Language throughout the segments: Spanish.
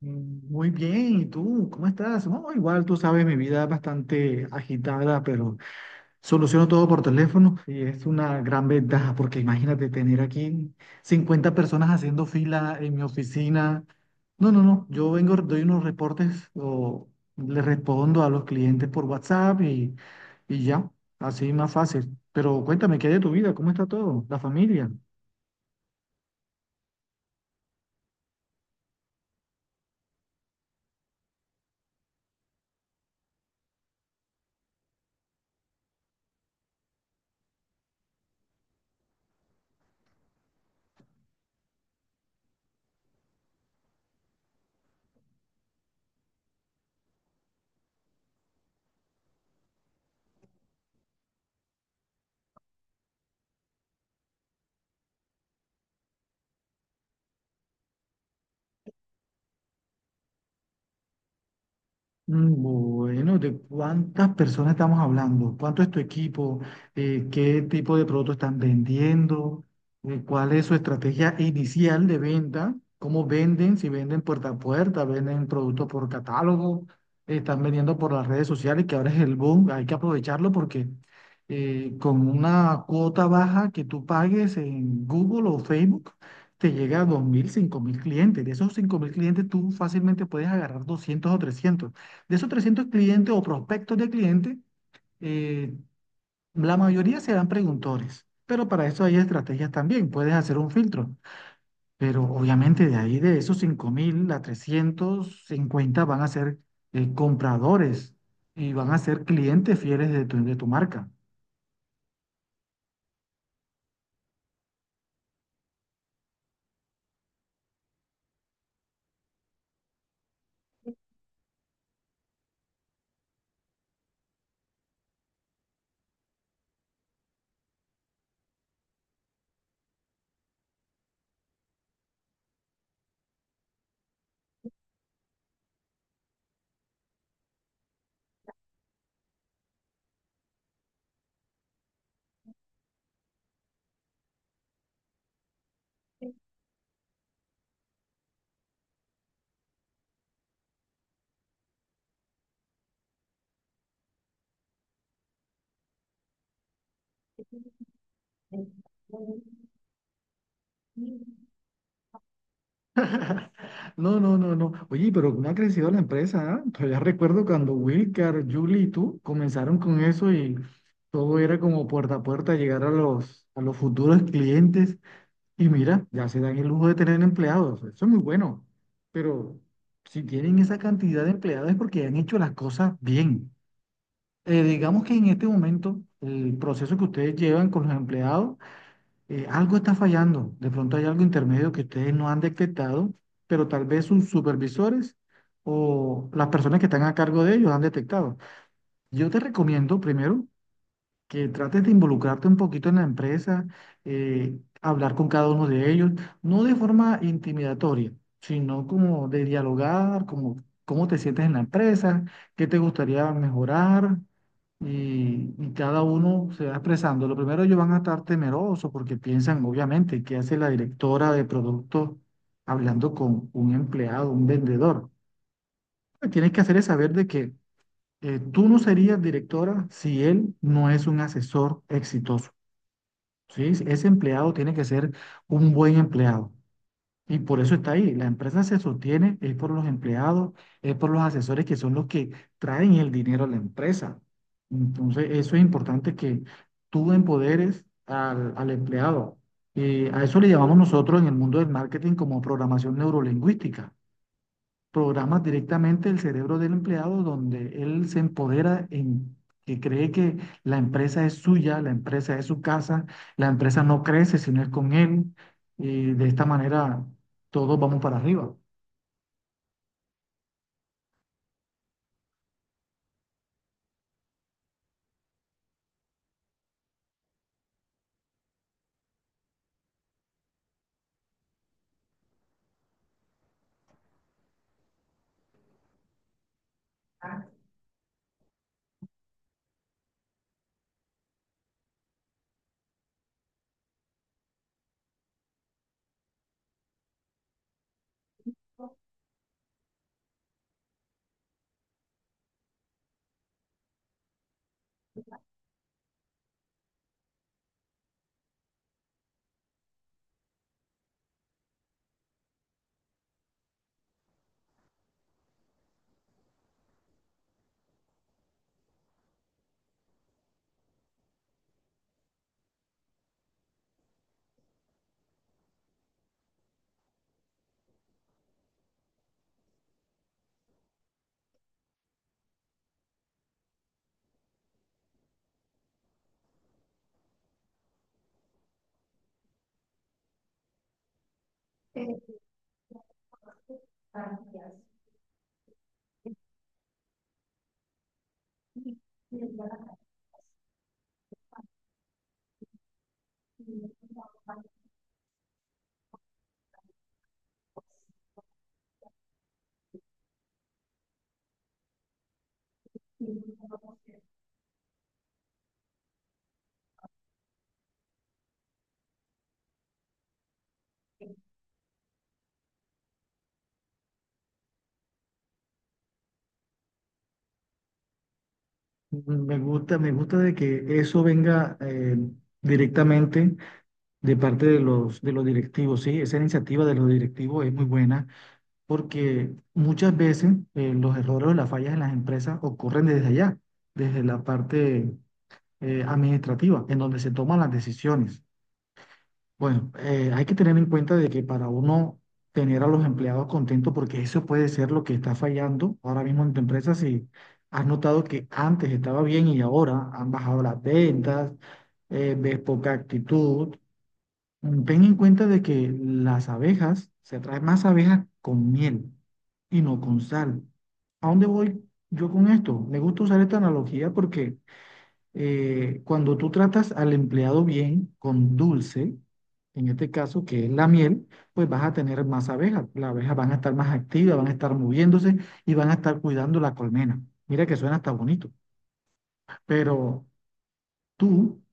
Muy bien, ¿y tú? ¿Cómo estás? No, igual tú sabes, mi vida es bastante agitada, pero soluciono todo por teléfono y es una gran ventaja porque imagínate tener aquí 50 personas haciendo fila en mi oficina. No, no, no, yo vengo, doy unos reportes o le respondo a los clientes por WhatsApp y ya, así más fácil. Pero cuéntame, ¿qué hay de tu vida? ¿Cómo está todo? ¿La familia? Bueno, ¿de cuántas personas estamos hablando? ¿Cuánto es tu equipo? ¿Qué tipo de producto están vendiendo? ¿Cuál es su estrategia inicial de venta? ¿Cómo venden? Si venden puerta a puerta, venden producto por catálogo, están vendiendo por las redes sociales, que ahora es el boom, hay que aprovecharlo porque con una cuota baja que tú pagues en Google o Facebook, te llega a 2.000, 5.000 clientes. De esos 5.000 clientes, tú fácilmente puedes agarrar 200 o 300. De esos 300 clientes o prospectos de clientes, eh, la mayoría serán preguntores, pero para eso hay estrategias también, puedes hacer un filtro, pero obviamente de ahí de esos 5.000 a 350 van a ser compradores y van a ser clientes fieles de tu marca. No, no, no, no. Oye, pero ¿cómo ha crecido la empresa? ¿Ah? Todavía recuerdo cuando Wilcar, Julie y tú comenzaron con eso y todo era como puerta a puerta llegar a los futuros clientes. Y mira, ya se dan el lujo de tener empleados, eso es muy bueno, pero si tienen esa cantidad de empleados es porque han hecho las cosas bien. Digamos que en este momento el proceso que ustedes llevan con los empleados, algo está fallando, de pronto hay algo intermedio que ustedes no han detectado, pero tal vez sus supervisores o las personas que están a cargo de ellos han detectado. Yo te recomiendo primero que trates de involucrarte un poquito en la empresa, hablar con cada uno de ellos, no de forma intimidatoria, sino como de dialogar, como cómo te sientes en la empresa, qué te gustaría mejorar. Y cada uno se va expresando. Lo primero, ellos van a estar temerosos porque piensan, obviamente, qué hace la directora de producto hablando con un empleado, un vendedor. Lo que tienes que hacer es saber de que tú no serías directora si él no es un asesor exitoso. Sí, sí, ese empleado tiene que ser un buen empleado. Y por eso está ahí. La empresa se sostiene, es por los empleados, es por los asesores que son los que traen el dinero a la empresa. Entonces, eso es importante que tú empoderes al empleado. Y a eso le llamamos nosotros en el mundo del marketing como programación neurolingüística. Programas directamente el cerebro del empleado donde él se empodera en que cree que la empresa es suya, la empresa es su casa, la empresa no crece si no es con él y de esta manera todos vamos para arriba. Me gusta de que eso venga directamente de parte de los directivos, ¿sí? Esa iniciativa de los directivos es muy buena porque muchas veces los errores o las fallas en las empresas ocurren desde allá, desde la parte administrativa, en donde se toman las decisiones. Bueno, hay que tener en cuenta de que para uno tener a los empleados contentos, porque eso puede ser lo que está fallando ahora mismo en tu empresa, si has notado que antes estaba bien y ahora han bajado las ventas, ves poca actitud. Ten en cuenta de que las abejas, se traen más abejas con miel y no con sal. ¿A dónde voy yo con esto? Me gusta usar esta analogía porque cuando tú tratas al empleado bien con dulce, en este caso que es la miel, pues vas a tener más abejas. Las abejas van a estar más activas, van a estar moviéndose y van a estar cuidando la colmena. Mira que suena hasta bonito, pero tú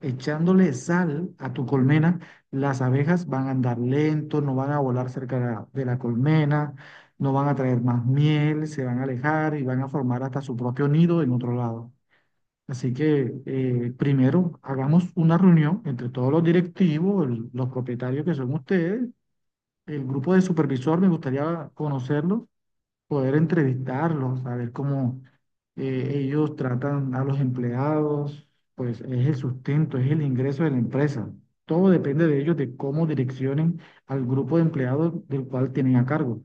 echándole sal a tu colmena, las abejas van a andar lento, no van a volar cerca de la colmena, no van a traer más miel, se van a alejar y van a formar hasta su propio nido en otro lado. Así que primero hagamos una reunión entre todos los directivos, los propietarios que son ustedes, el grupo de supervisor, me gustaría conocerlos, poder entrevistarlos, saber cómo ellos tratan a los empleados, pues es el sustento, es el ingreso de la empresa. Todo depende de ellos, de cómo direccionen al grupo de empleados del cual tienen a cargo.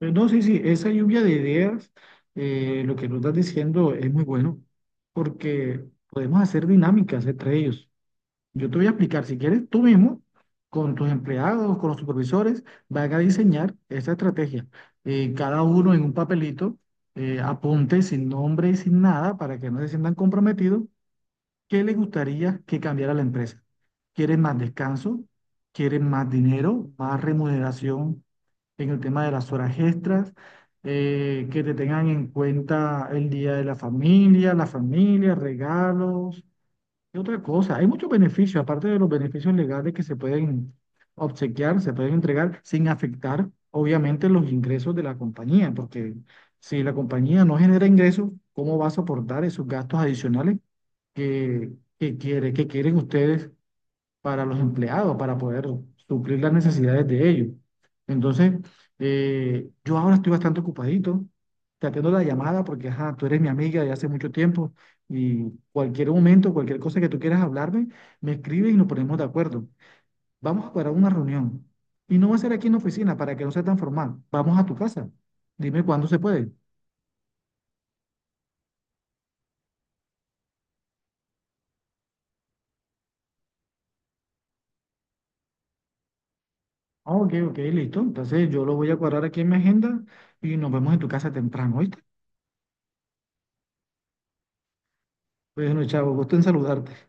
No, sí, sí, esa lluvia de ideas, lo que nos estás diciendo es muy bueno, porque podemos hacer dinámicas entre ellos. Yo te voy a explicar, si quieres, tú mismo, con tus empleados, con los supervisores, van a diseñar esta estrategia. Cada uno en un papelito, apunte sin nombre y sin nada para que no se sientan comprometidos. ¿Qué le gustaría que cambiara la empresa? ¿Quieren más descanso? ¿Quieren más dinero? ¿Más remuneración en el tema de las horas extras? Que te tengan en cuenta el día de la familia, regalos. Y otra cosa, hay muchos beneficios, aparte de los beneficios legales que se pueden obsequiar, se pueden entregar sin afectar, obviamente, los ingresos de la compañía, porque si la compañía no genera ingresos, ¿cómo va a soportar esos gastos adicionales que, que quieren ustedes para los empleados, para poder suplir las necesidades de ellos? Entonces, yo ahora estoy bastante ocupadito. Te atiendo la llamada porque ajá, tú eres mi amiga de hace mucho tiempo y cualquier momento, cualquier cosa que tú quieras hablarme, me escribes y nos ponemos de acuerdo. Vamos a parar una reunión y no va a ser aquí en la oficina para que no sea tan formal. Vamos a tu casa. Dime cuándo se puede. Ah, ok, ok, listo. Entonces yo lo voy a cuadrar aquí en mi agenda y nos vemos en tu casa temprano, ¿oíste? Bueno, chavo, gusto en saludarte.